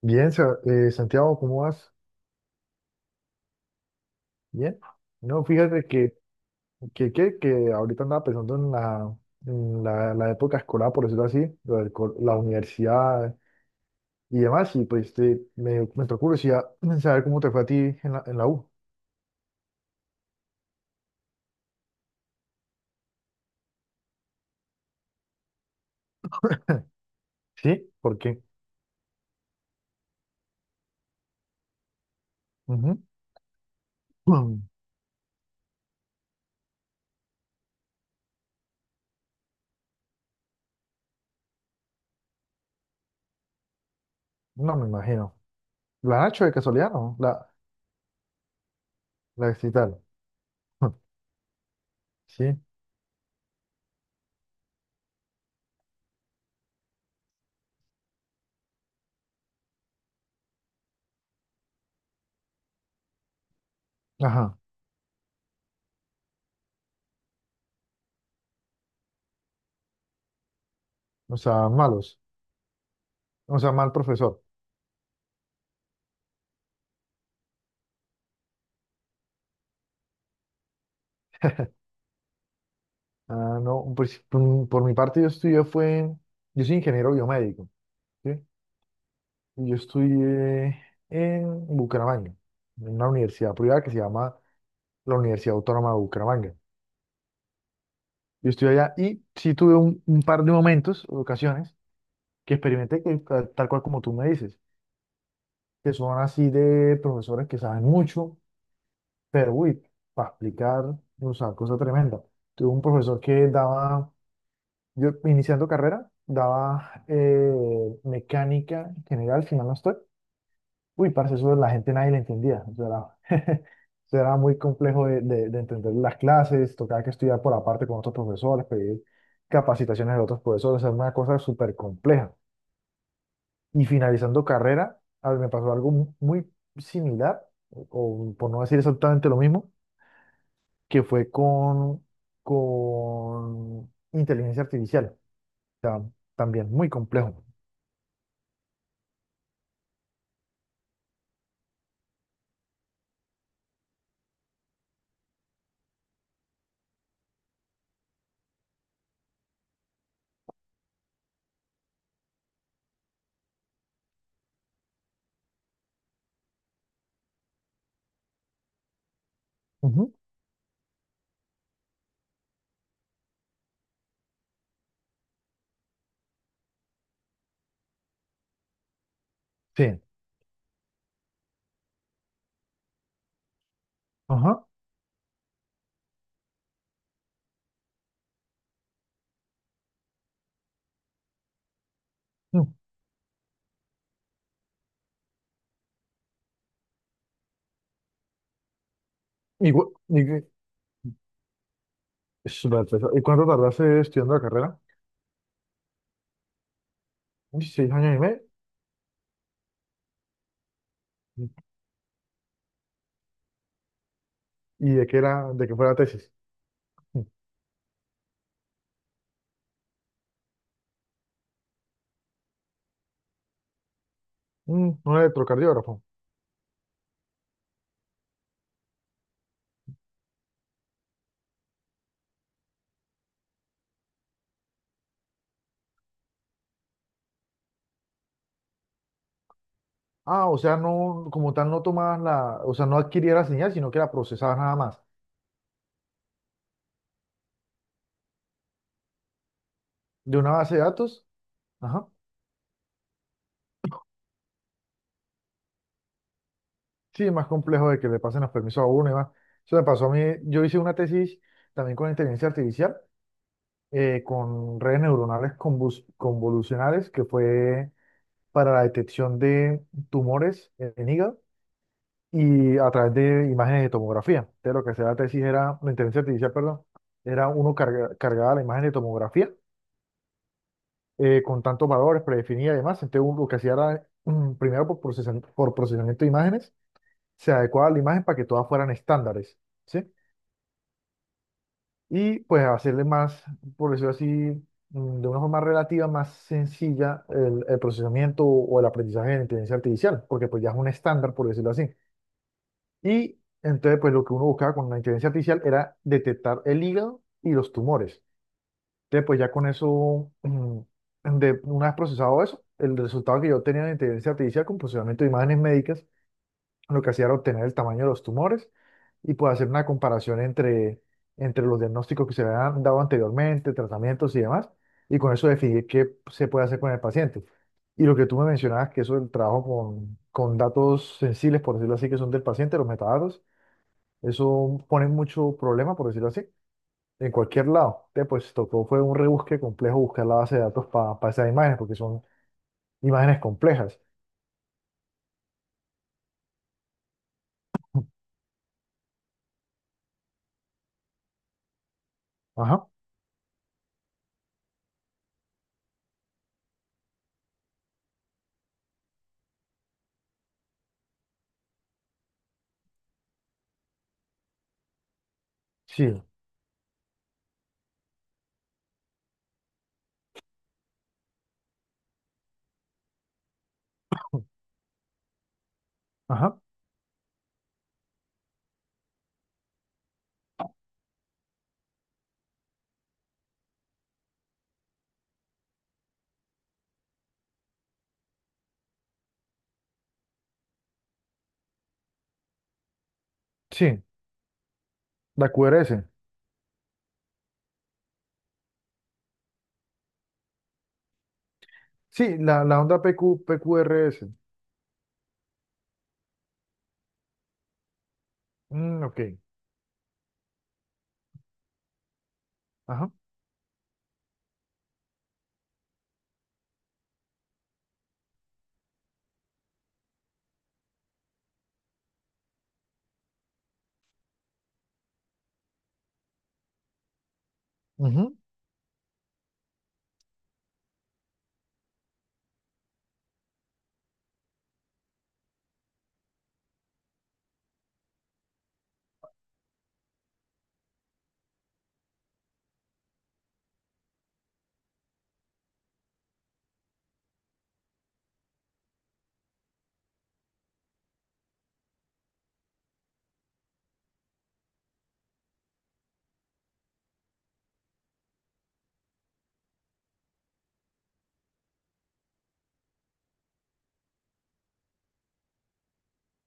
Bien, Santiago, ¿cómo vas? Bien. No, fíjate que ahorita andaba pensando en en la época escolar, por decirlo así, lo del co- la universidad y demás, y me entró curiosidad en saber cómo te fue a ti en en la U. ¿Sí? ¿Por qué? Ujú. Mm, no me imagino. ¿La Nacho de casualidad no? La distrital. Sí, ajá, o sea, malos, o sea, mal profesor. Ah, no, pues, por mi parte yo estudié fue, yo soy ingeniero biomédico, ¿sí? Yo estudié en Bucaramanga, en una universidad privada que se llama la Universidad Autónoma de Bucaramanga. Yo estudié allá y sí tuve un par de momentos, ocasiones, que experimenté que, tal cual como tú me dices, que son así de profesores que saben mucho, pero uy, para explicar, o sea, cosa tremenda. Tuve un profesor que daba, yo iniciando carrera, daba mecánica general, si mal no estoy. Uy, parce, eso la gente nadie le entendía. Eso era, eso era muy complejo de entender las clases, tocaba que estudiar por aparte con otros profesores, pedir capacitaciones de otros profesores, es una cosa súper compleja. Y finalizando carrera, a ver, me pasó algo muy similar, o por no decir exactamente lo mismo, que fue con inteligencia artificial. O sea, también muy complejo. Ujú, sí. Ajá. Mm. Igual- y, que- es súper pesado. ¿Y cuánto tardaste estudiando la carrera? Uy, seis años y medio. ¿Y de qué era, de qué fue la tesis? Mm, un electrocardiógrafo. Ah, o sea, no, como tal, no tomabas la, o sea, no adquirías la señal, sino que la procesabas nada más. De una base de datos, ajá. Sí, es más complejo de que le pasen los permisos a uno y más. Eso me pasó a mí. Yo hice una tesis también con inteligencia artificial, con redes neuronales convolucionales, que fue para la detección de tumores en hígado y a través de imágenes de tomografía. De lo que hacía la tesis era, la inteligencia artificial, perdón, era uno cargaba la imagen de tomografía con tantos valores predefinidos y demás. Entonces, uno lo que hacía era, mm, primero por procesamiento de imágenes, se adecuaba la imagen para que todas fueran estándares, ¿sí? Y pues hacerle más, por decirlo así, mm, de una forma relativa más sencilla el procesamiento o el aprendizaje de la inteligencia artificial, porque pues ya es un estándar, por decirlo así. Y entonces, pues lo que uno buscaba con la inteligencia artificial era detectar el hígado y los tumores. Entonces, pues ya con eso, mm, de, una vez procesado eso, el resultado que yo tenía en inteligencia artificial con procesamiento de imágenes médicas, lo que hacía era obtener el tamaño de los tumores y pues hacer una comparación entre los diagnósticos que se habían dado anteriormente, tratamientos y demás, y con eso definir qué se puede hacer con el paciente. Y lo que tú me mencionabas, que eso del trabajo con datos sensibles, por decirlo así, que son del paciente, los metadatos, eso pone mucho problema, por decirlo así, en cualquier lado. Entonces, pues tocó, fue un rebusque complejo buscar la base de datos para esas imágenes, porque son imágenes complejas. Ajá, sí, ajá, sí, la QRS. Sí, la onda PQ, PQRS. Mm, ok, ajá. Ujú,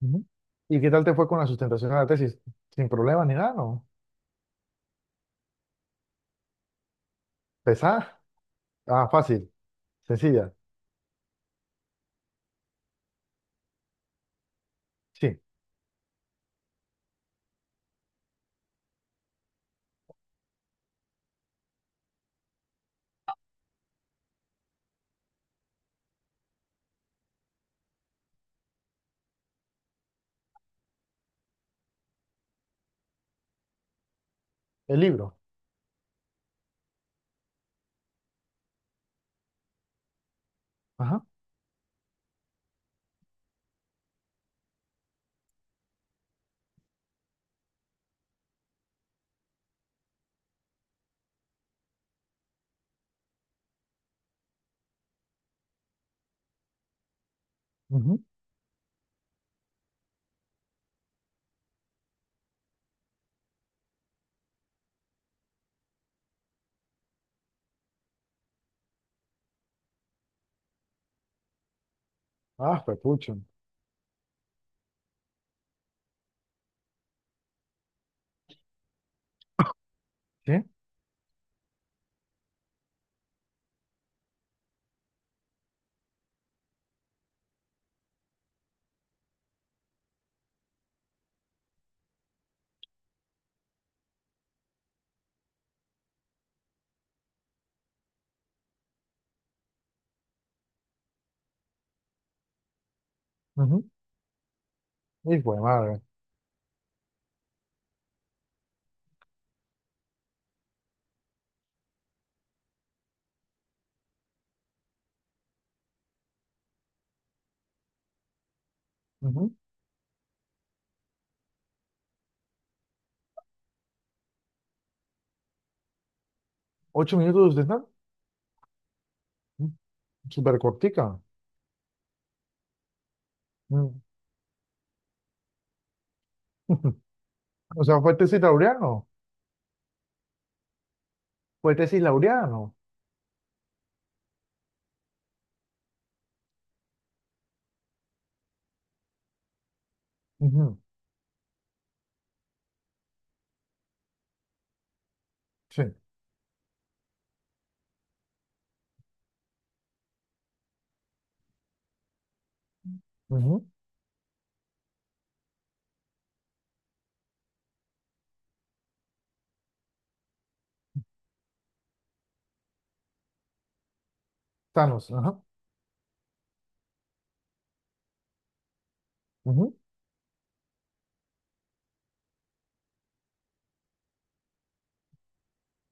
ujú. ¿Y qué tal te fue con la sustentación de la tesis? ¿Sin problemas ni nada, no? ¿Pesada? Ah, fácil, sencilla. Sí, el libro. Ajá. Ujú. Ah, fue pucho. Sí. Ujú. Y fue madre. Ocho minutos de stand, súper cortica. Mm. O sea, fue tesis laureano, fue tesis laureano. Ujú, sí. Ujú. Thanos, ajá. Ujú.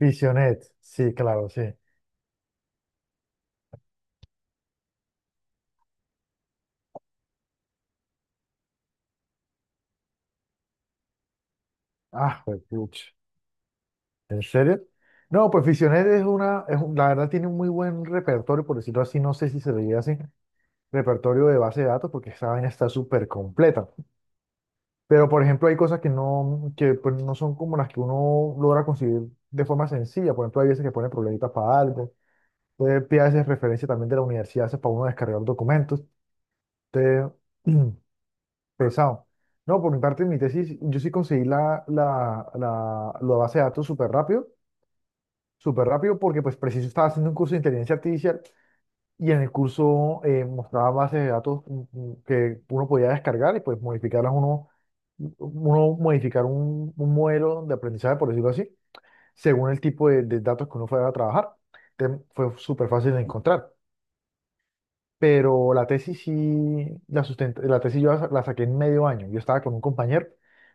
Fisionet, sí, claro, sí. Ah, pues, puch. ¿En serio? No, pues Fisionet es una, la verdad tiene un muy buen repertorio, por decirlo así, no sé si se le diría así, repertorio de base de datos, porque esa vaina está súper completa. Pero, por ejemplo, hay cosas que no, que pues, no son como las que uno logra conseguir de forma sencilla. Por ejemplo, hay veces que ponen problemitas para algo. Usted hace referencia también de la universidad, eso es para uno descargar documentos. Usted, pesado. No, por mi parte, en mi tesis, yo sí conseguí la base de datos súper rápido, porque pues preciso estaba haciendo un curso de inteligencia artificial y en el curso mostraba bases de datos que uno podía descargar y pues modificarlas uno, uno modificar un modelo de aprendizaje, por decirlo así, según el tipo de datos que uno fuera a trabajar. Entonces, fue súper fácil de encontrar. Pero la tesis sí la sustenta, la tesis yo la saqué en medio año. Yo estaba con un compañero,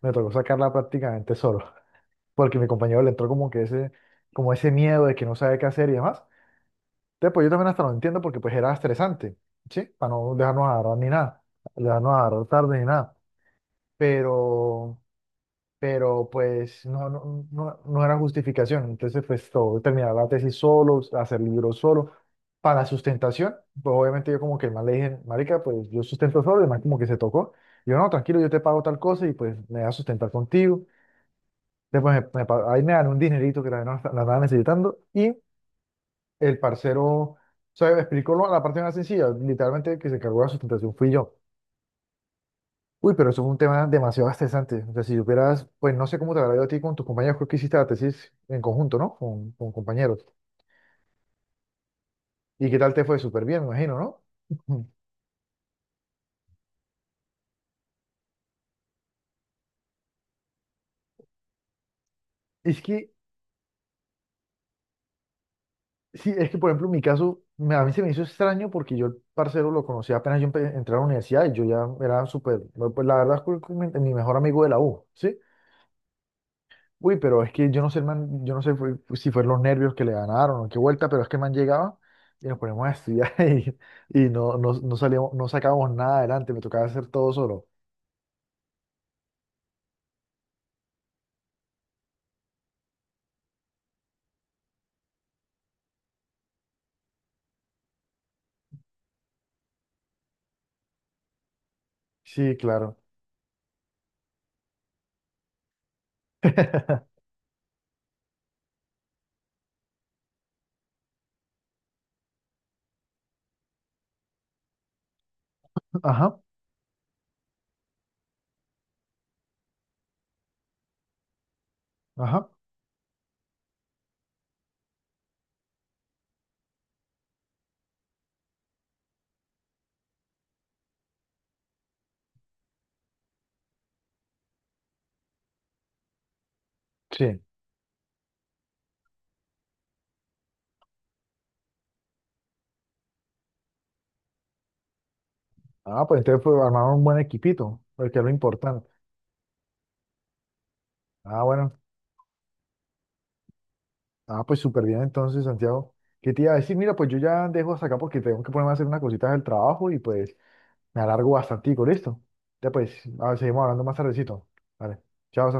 me tocó sacarla prácticamente solo, porque mi compañero le entró como que ese, como ese miedo de que no sabe qué hacer y demás. Entonces, pues yo también hasta lo entiendo porque pues era estresante, ¿sí? Para no dejarnos agarrar ni nada, dejarnos agarrar tarde ni nada. Pero pero pues no, no era justificación. Entonces, pues todo, terminar la tesis solo, hacer libros solo. Para sustentación, pues obviamente yo como que más le dije, marica, pues yo sustento solo, además como que se tocó. Y yo, no, tranquilo, yo te pago tal cosa y pues me voy a sustentar contigo. Después ahí me dan un dinerito que la no la andaba necesitando y el parcero, o sea, me explicó la parte más sencilla, literalmente el que se encargó de la sustentación fui yo. Uy, pero eso fue un tema demasiado estresante. O sea, si supieras, pues no sé cómo te habrá ido a ti con tus compañeros, creo que hiciste la tesis en conjunto, ¿no? Con compañeros. ¿Y qué tal te fue? Súper bien, me imagino, ¿no? Ujú. Es que, sí, es que por ejemplo, en mi caso, a mí se me hizo extraño porque yo el parcero lo conocí apenas yo entré a la universidad y yo ya era súper, no, pues la verdad es que mi mejor amigo de la U, ¿sí? Uy, pero es que yo no sé, el man, yo no sé pues, si fueron los nervios que le ganaron o qué vuelta, pero es que el man llegaba y nos poníamos a estudiar y no, salíamos, no sacábamos nada adelante, me tocaba hacer todo solo. Sí, claro. Ajá, ajá, sí. Ah, pues entonces pues, armaron un buen equipito, porque es lo importante. Ah, bueno. Ah, pues súper bien entonces, Santiago. ¿Qué te iba a decir? Mira, pues yo ya dejo hasta acá porque tengo que ponerme a hacer unas cositas del trabajo y pues me alargo bastante, ¿listo? Ya pues, a ver, seguimos hablando más tardecito. Vale. Chao, Santiago.